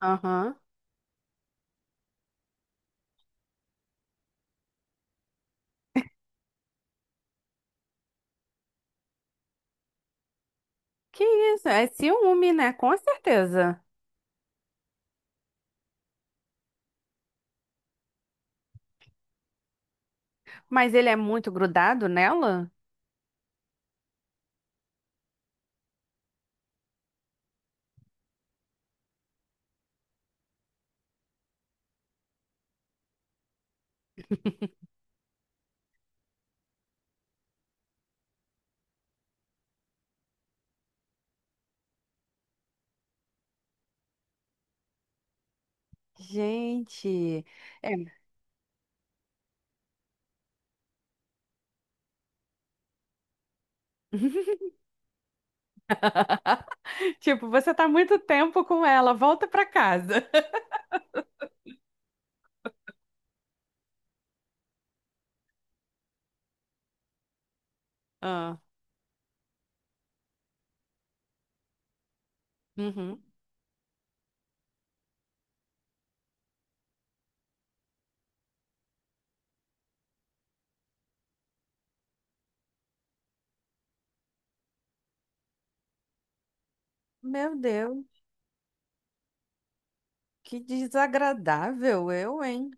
Aham. Que isso? É ciúme, né? Com certeza. Mas ele é muito grudado nela? Gente. É. Tipo, você tá muito tempo com ela, volta pra casa. Ah. Uhum. Meu Deus, que desagradável eu, hein?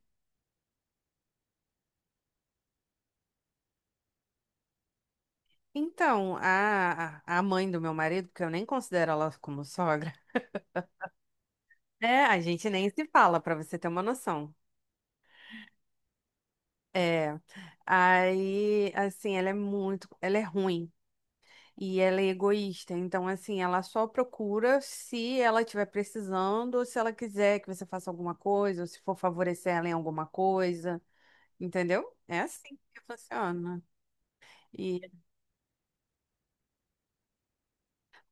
Então, a mãe do meu marido, que eu nem considero ela como sogra, é, a gente nem se fala, pra você ter uma noção. É, aí, assim, ela é muito, ela é ruim. E ela é egoísta, então assim, ela só procura se ela estiver precisando, ou se ela quiser que você faça alguma coisa, ou se for favorecer ela em alguma coisa, entendeu? É assim que funciona. E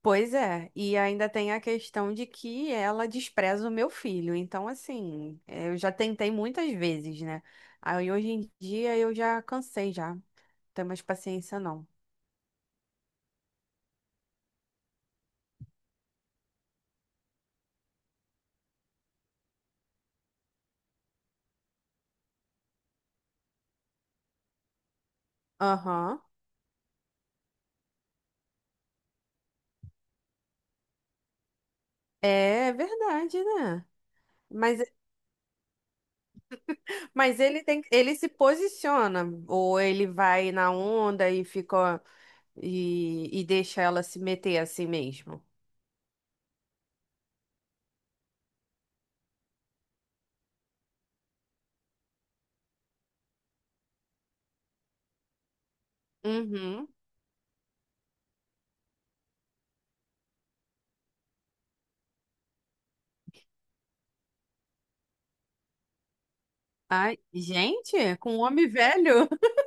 pois é, e ainda tem a questão de que ela despreza o meu filho. Então assim, é, eu já tentei muitas vezes, né? Aí hoje em dia eu já cansei já. Não tenho mais paciência não. Aham. É verdade, né? Mas Mas ele tem, ele se posiciona, ou ele vai na onda e fica e deixa ela se meter assim mesmo. Uhum. Ai, gente, com um homem velho?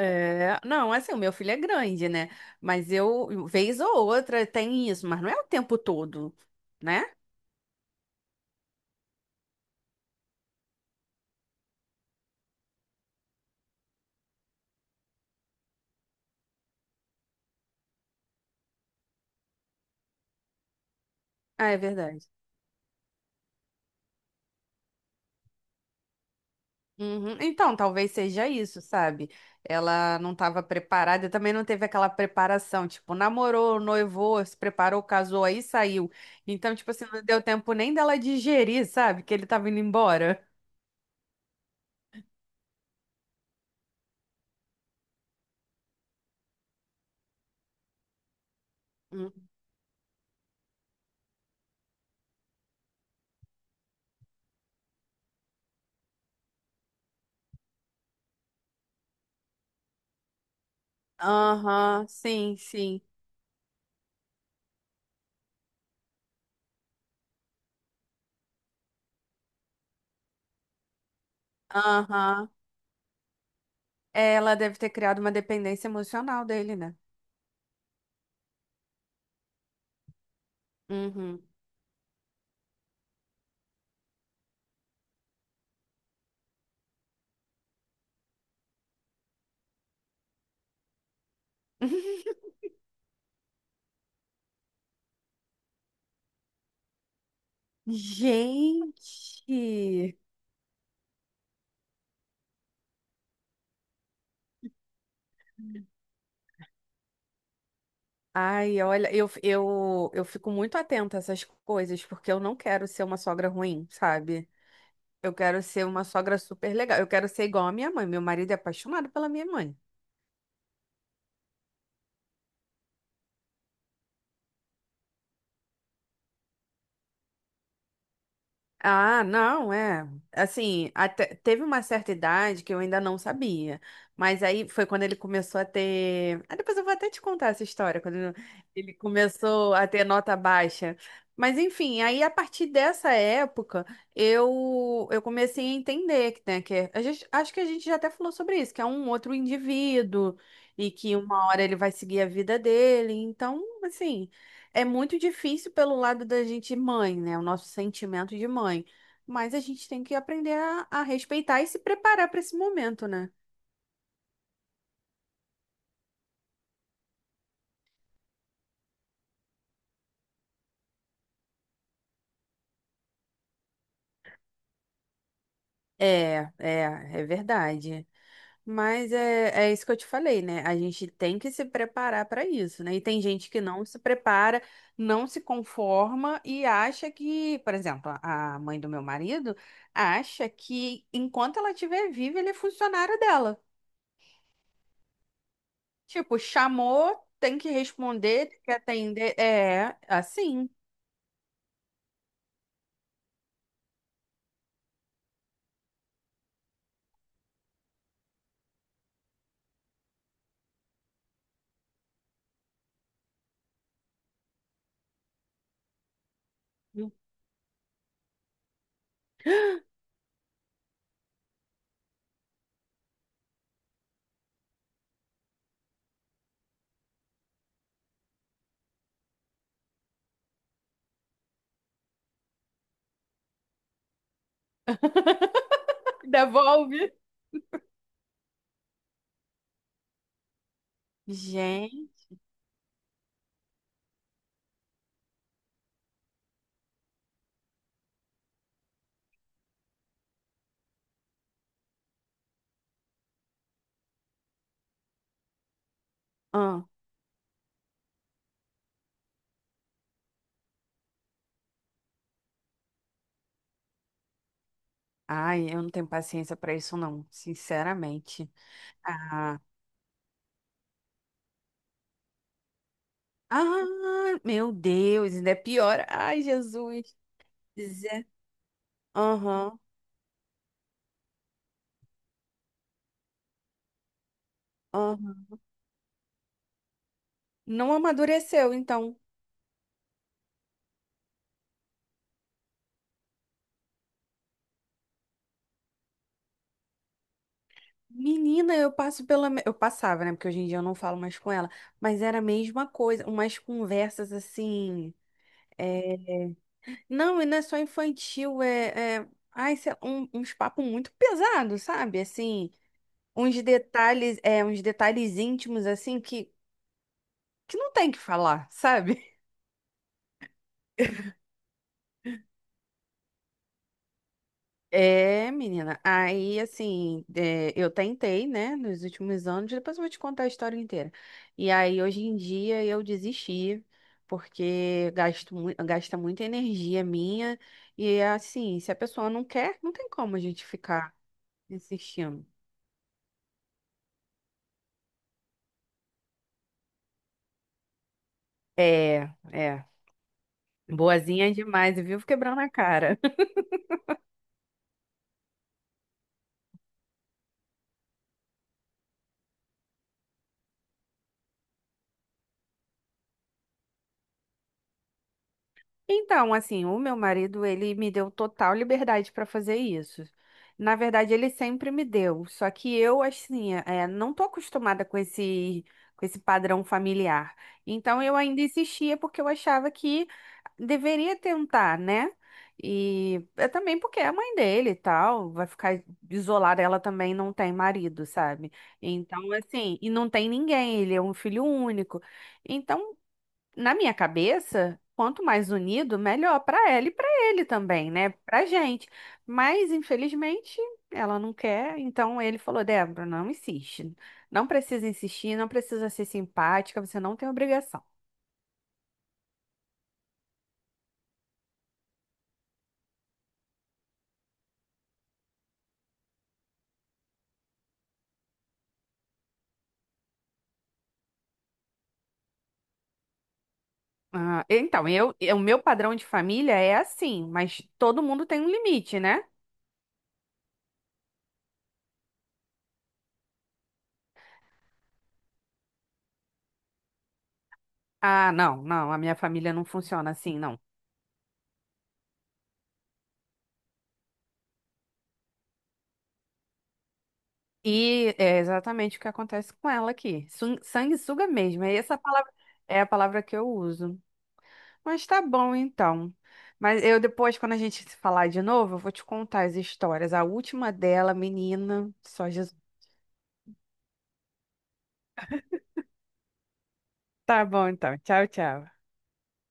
É, não, assim, o meu filho é grande, né? Mas eu, vez ou outra, tem isso, mas não é o tempo todo, né? Ah, é verdade. Uhum. Então, talvez seja isso, sabe? Ela não estava preparada e também não teve aquela preparação, tipo, namorou, noivou, se preparou, casou, aí saiu. Então, tipo assim, não deu tempo nem dela digerir, sabe? Que ele tava indo embora. Hum. Aham, sim, sim. Aham. É, ela deve ter criado uma dependência emocional dele, né? Uhum. Gente! Ai, olha, eu fico muito atenta a essas coisas, porque eu não quero ser uma sogra ruim, sabe? Eu quero ser uma sogra super legal. Eu quero ser igual à minha mãe. Meu marido é apaixonado pela minha mãe. Ah, não, é. Assim, até, teve uma certa idade que eu ainda não sabia. Mas aí foi quando ele começou a ter. Ah, depois eu vou até te contar essa história, quando ele começou a ter nota baixa. Mas enfim, aí a partir dessa época eu comecei a entender que, né, que é- a gente, acho que a gente já até falou sobre isso, que é um outro indivíduo e que uma hora ele vai seguir a vida dele. Então, assim. É muito difícil pelo lado da gente mãe, né? O nosso sentimento de mãe. Mas a gente tem que aprender a respeitar e se preparar para esse momento, né? É, é, é verdade. Mas é, é isso que eu te falei, né? A gente tem que se preparar para isso, né? E tem gente que não se prepara, não se conforma e acha que, por exemplo, a mãe do meu marido acha que enquanto ela estiver viva, ele é funcionário dela. Tipo, chamou, tem que responder, tem que atender. É, assim. Devolve. Gente. Ah. Ai, eu não tenho paciência pra isso, não. Sinceramente. Ah. Ah, meu Deus, ainda é pior. Ai, Jesus. Zé. Aham, aham. Não amadureceu, então. Menina, eu passo pela. Me- Eu passava, né? Porque hoje em dia eu não falo mais com ela. Mas era a mesma coisa. Umas conversas assim. É, não, e não é só infantil, Ai, sei lá, um- uns papos muito pesados, sabe? Assim, uns detalhes, é, uns detalhes íntimos, assim, que não tem que falar, sabe? É, menina, aí assim, é, eu tentei, né, nos últimos anos, depois eu vou te contar a história inteira. E aí, hoje em dia, eu desisti, porque gasto, mui- gasta muita energia minha, e assim, se a pessoa não quer, não tem como a gente ficar insistindo. É, é. Boazinha demais, viu? Quebrando a cara. Então, assim, o meu marido, ele me deu total liberdade para fazer isso. Na verdade, ele sempre me deu, só que eu, assim, é, não tô acostumada com esse padrão familiar. Então, eu ainda insistia porque eu achava que deveria tentar, né? E é também porque é a mãe dele e tal, vai ficar isolada, ela também não tem marido, sabe? Então, assim, e não tem ninguém, ele é um filho único. Então, na minha cabeça, quanto mais unido, melhor para ela e para ele também, né? Pra gente. Mas, infelizmente, ela não quer. Então ele falou: "Débora, não insiste. Não precisa insistir, não precisa ser simpática, você não tem obrigação." Ah, então, o meu padrão de família é assim, mas todo mundo tem um limite, né? Ah, não, não, a minha família não funciona assim, não. E é exatamente o que acontece com ela aqui. Sun- Sanguessuga mesmo, é essa palavra, é a palavra que eu uso. Mas tá bom então. Mas eu depois, quando a gente se falar de novo, eu vou te contar as histórias. A última dela, menina, só Jesus. Tá bom então. Tchau, tchau.